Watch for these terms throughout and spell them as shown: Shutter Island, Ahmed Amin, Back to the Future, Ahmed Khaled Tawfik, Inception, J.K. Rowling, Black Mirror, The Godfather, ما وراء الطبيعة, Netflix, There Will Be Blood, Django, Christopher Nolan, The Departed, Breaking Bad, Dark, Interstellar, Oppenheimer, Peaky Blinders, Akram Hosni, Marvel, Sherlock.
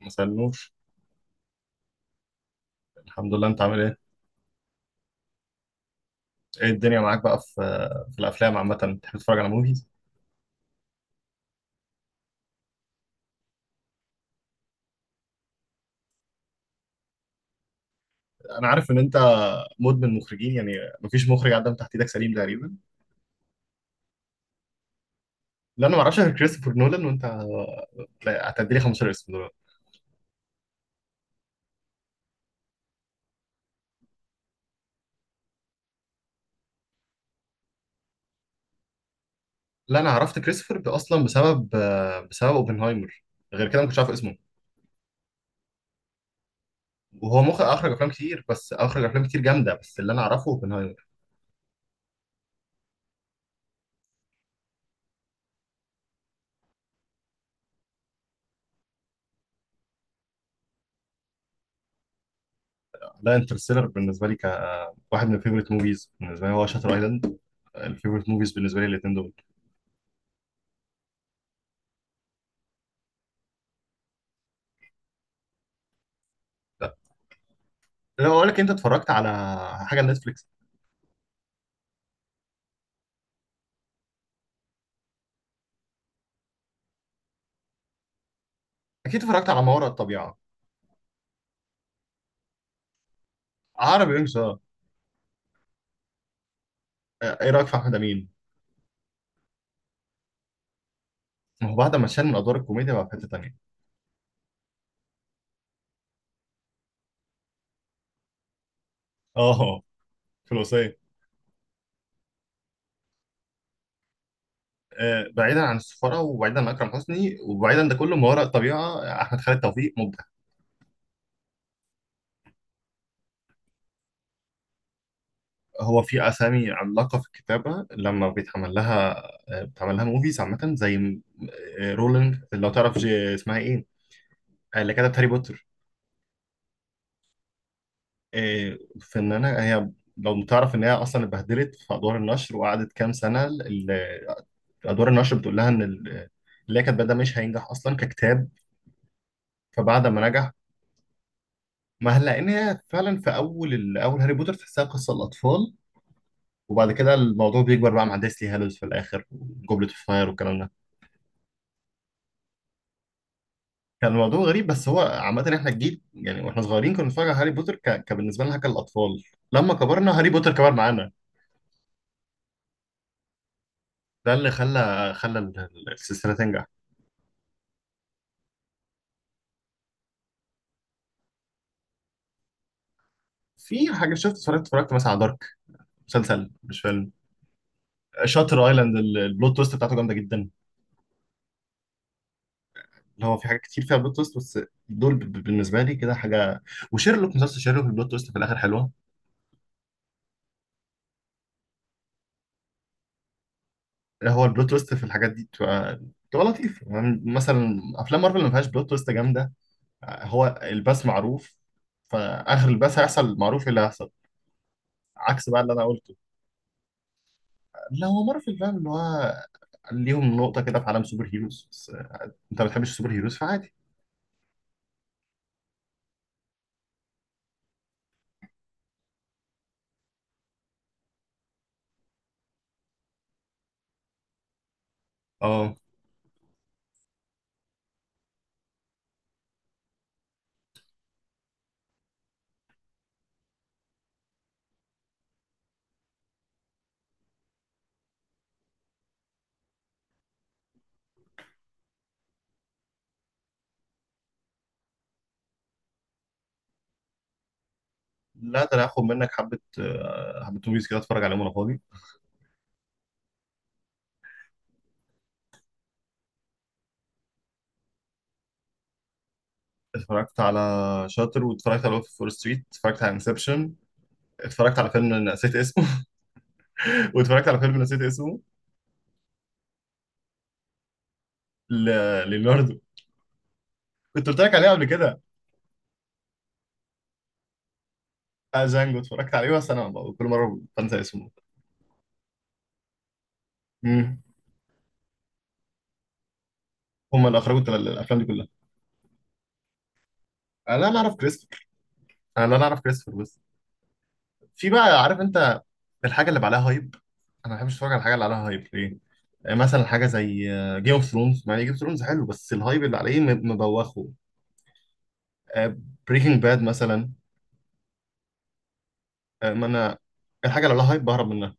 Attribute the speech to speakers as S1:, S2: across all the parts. S1: ما سألنوش. الحمد لله، انت عامل ايه؟ ايه الدنيا معاك بقى في الافلام عامه، بتحب تتفرج على موفيز؟ انا عارف ان انت مدمن مخرجين يعني، مفيش مخرج عدى من تحت ايدك سليم تقريبا. لا، انا ما اعرفش غير كريستوفر نولان، وانت لا، هتدي لي 15 اسم دول. لا، انا عرفت كريستوفر ده اصلا بسبب اوبنهايمر. غير كده ما كنتش عارف اسمه. وهو مخرج اخرج افلام كتير جامده، بس اللي انا اعرفه اوبنهايمر. لا، انترستيلر بالنسبه لي كواحد من الفيفوريت موفيز، بالنسبه لي هو شاتر ايلاند. الفيفوريت موفيز بالنسبه لي الاثنين دول. لو اقول لك انت اتفرجت على حاجه نتفليكس؟ اكيد اتفرجت على ما وراء الطبيعه. عربي انجلش، آه. ايه رايك في احمد امين؟ ما هو بعد ما شال من ادوار الكوميديا بقى في حته تانيه. اه، في الوصيه. آه، بعيدا عن السفاره وبعيدا عن اكرم حسني وبعيدا ده كله، ما وراء الطبيعه احمد خالد توفيق مبدع. هو في اسامي عملاقه في الكتابه لما بيتعمل لها، بيتعمل لها موفيز عامه، زي رولينج، لو تعرف، اسمها ايه، اللي كتبت هاري بوتر. إيه، فنانة هي. لو تعرف ان هي اصلا اتبهدلت في ادوار النشر، وقعدت كام سنه ادوار النشر بتقول لها ان اللي هي كاتباه ده مش هينجح اصلا ككتاب. فبعد ما نجح ما هل، لان هي فعلا في اول اول هاري بوتر تحسها قصه الاطفال، وبعد كده الموضوع بيكبر بقى مع ديسلي هالوز في الاخر وجوبلت اوف فاير والكلام ده. كان الموضوع غريب، بس هو عامه احنا الجيل يعني، واحنا صغيرين كنا بنتفرج على هاري بوتر كبالنسبه لنا حاجه الاطفال. لما كبرنا هاري بوتر كبر معانا. ده اللي خلى السلسله تنجح. في حاجه اتفرجت مثلا على دارك، مسلسل مش فيلم. شاتر ايلاند البلوت تويست بتاعته جامده جدا. اللي هو في حاجات كتير فيها بلوت تويست، بس دول بالنسبه لي كده حاجه. وشيرلوك، مسلسل شيرلوك البلوت تويست في الاخر حلوه. هو البلوت تويست في الحاجات دي بتبقى لطيف، يعني مثلا افلام مارفل اللي ما فيهاش بلوت تويست جامده. هو الباس معروف، فاخر الباس هيحصل معروف إيه اللي هيحصل، عكس بقى اللي انا قلته. لا، هو مارفل فاهم اللي هو ليهم نقطه كده في عالم سوبر هيروز، بس انت ما بتحبش السوبر هيروز فعادي. اه، لا، ده انا هاخد منك حبه موفيز كده اتفرج عليهم وانا فاضي. اتفرجت على شاتر، واتفرجت على وولف فول ستريت، اتفرجت على انسبشن، اتفرجت على فيلم نسيت اسمه واتفرجت على فيلم نسيت اسمه ل... ليوناردو، كنت قلت لك عليه قبل كده. آه، جانجو، اتفرجت عليه بس انا كل مره بنسى اسمه. امم. هم اللي اخرجوا الافلام دي كلها. انا لا اعرف كريستوفر انا لا اعرف كريستوفر. بس في بقى، عارف انت، الحاجه اللي بقى عليها هايب، انا ما بحبش اتفرج على الحاجه اللي عليها هايب، ليه؟ مثلا حاجه زي جيم اوف ثرونز، مع ان جيم اوف ثرونز حلو بس الهايب اللي عليه مبوخه. بريكنج باد مثلا، ما انا الحاجه اللي لها هايب بهرب منها.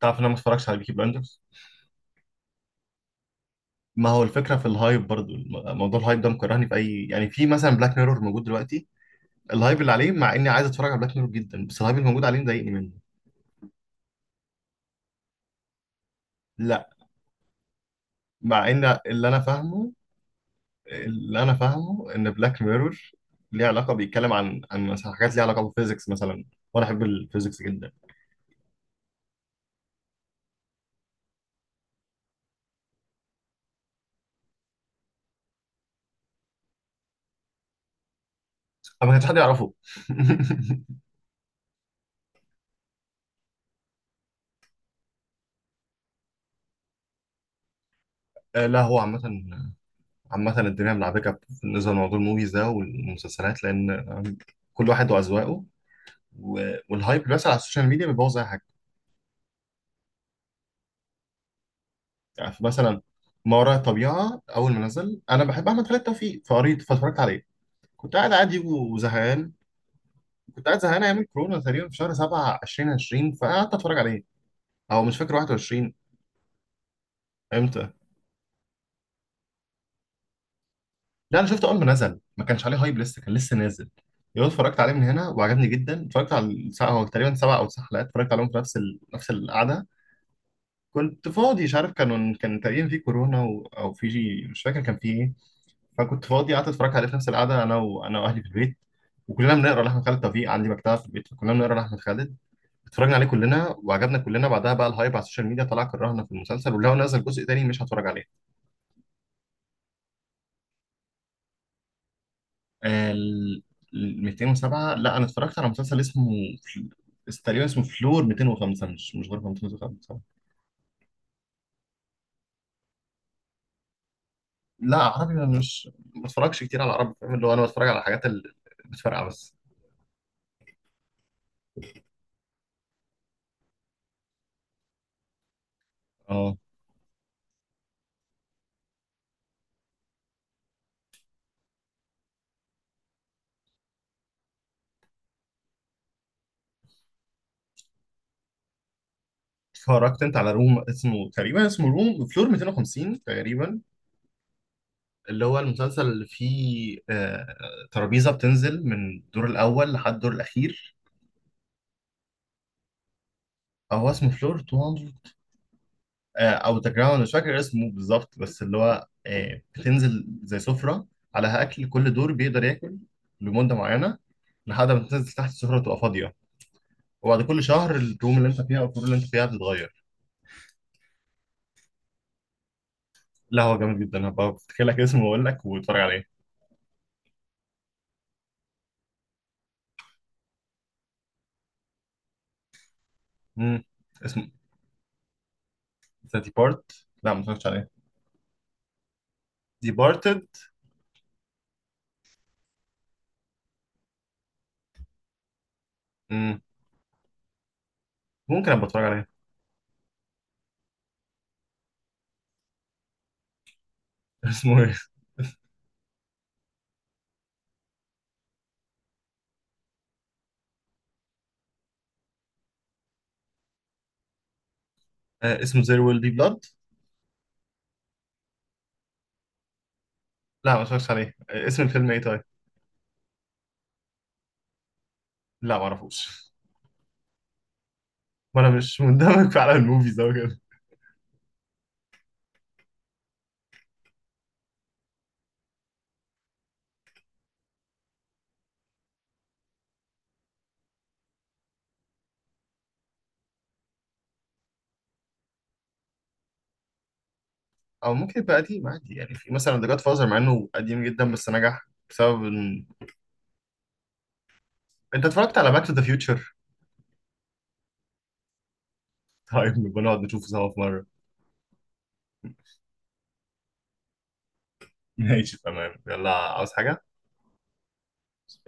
S1: تعرف ان انا ما اتفرجش على بيكي بلاندرز؟ ما هو الفكره في الهايب برضو موضوع الهايب ده مكرهني في اي، يعني في مثلا بلاك ميرور موجود دلوقتي، الهايب اللي عليه، مع اني عايز اتفرج على بلاك ميرور جدا بس الهايب اللي موجود عليه مضايقني منه. لا. مع ان اللي انا فاهمه ان بلاك ميرور ليه علاقه، بيتكلم عن مثلا حاجات ليها علاقه بالفيزيكس مثلا، وانا احب الفيزيكس جدا. ما كانش حد يعرفه. آه، لا، هو عامة، عامة الدنيا ملعبكة بالنسبة لموضوع الموفيز ده والمسلسلات لأن كل واحد وأذواقه، والهايب اللي بيحصل على السوشيال ميديا بيبوظ أي حاجة. يعني مثلا ما وراء الطبيعة أول ما نزل أنا بحب أحمد خالد توفيق، فقريت فاتفرجت عليه. كنت قاعد عادي وزهقان، كنت قاعد زهقان أيام الكورونا تقريبا في شهر 7 2020 فقعدت أتفرج عليه، أو مش فاكر 21. امتى؟ لا، انا شفته اول ما نزل ما كانش عليه هايب لسه، كان لسه نازل يوم اتفرجت عليه من هنا، وعجبني جدا. اتفرجت على الساعه هو تقريبا سبع او تسع حلقات، اتفرجت عليهم في نفس نفس القعده. كنت فاضي، مش عارف كانوا، كان تقريبا في كورونا او في مش فاكر كان في ايه. فكنت فاضي، قعدت اتفرجت عليه في نفس القعده انا، واهلي في البيت، وكلنا بنقرا لاحمد خالد توفيق، عندي مكتبه في البيت فكلنا بنقرا لاحمد خالد. اتفرجنا عليه كلنا وعجبنا كلنا، بعدها بقى الهايب على السوشيال ميديا طلع كرهنا في المسلسل، ولو نزل جزء تاني مش هتفرج عليه. ال 207، لا. انا اتفرجت على مسلسل اسمه تقريبا اسمه فلور 205، مش غير 205. لا، عربي انا مش، ما بتفرجش كتير على عربي، فاهم اللي هو انا بتفرج على الحاجات اللي بتفرقع بس. اه. اتفرجت انت على روم، اسمه تقريبا اسمه روم فلور 250 تقريبا، اللي هو المسلسل اللي فيه، ترابيزة بتنزل من الدور الاول لحد الدور الاخير. هو اسمه فلور، او ذا جراوند، مش فاكر اسمه بالظبط بس اللي هو، بتنزل زي سفره عليها اكل، كل دور بيقدر ياكل لمده معينه لحد ما تنزل تحت السفره تبقى فاضيه، وبعد كل شهر الروم اللي انت فيها او الفلور اللي انت فيها بتتغير. لا، هو جامد جدا، هبقى افتكر لك اسمه واقول لك واتفرج عليه. امم. اسمه ذا ديبارت. لا، ما اتفرجتش عليه. ديبارتد. امم. ممكن ابقى اتفرج عليه. اسمه ايه؟ آه، اسمه زير ويل بي بلاد. لا، ما اتفرجتش عليه. اسم الفيلم ايه طيب؟ لا، ما اعرفوش. وانا مش مندمج في عالم الموفيز أوي كده. او ممكن يبقى قديم عادي، يعني في مثلا ذا جاد فازر مع انه قديم جدا بس نجح، بسبب ان انت اتفرجت على باك تو ذا فيوتشر؟ طيب نبقى نقعد نشوفه سوا في مره. ماشي، تمام، يلا، عاوز حاجه؟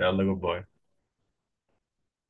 S1: يلا، جود باي.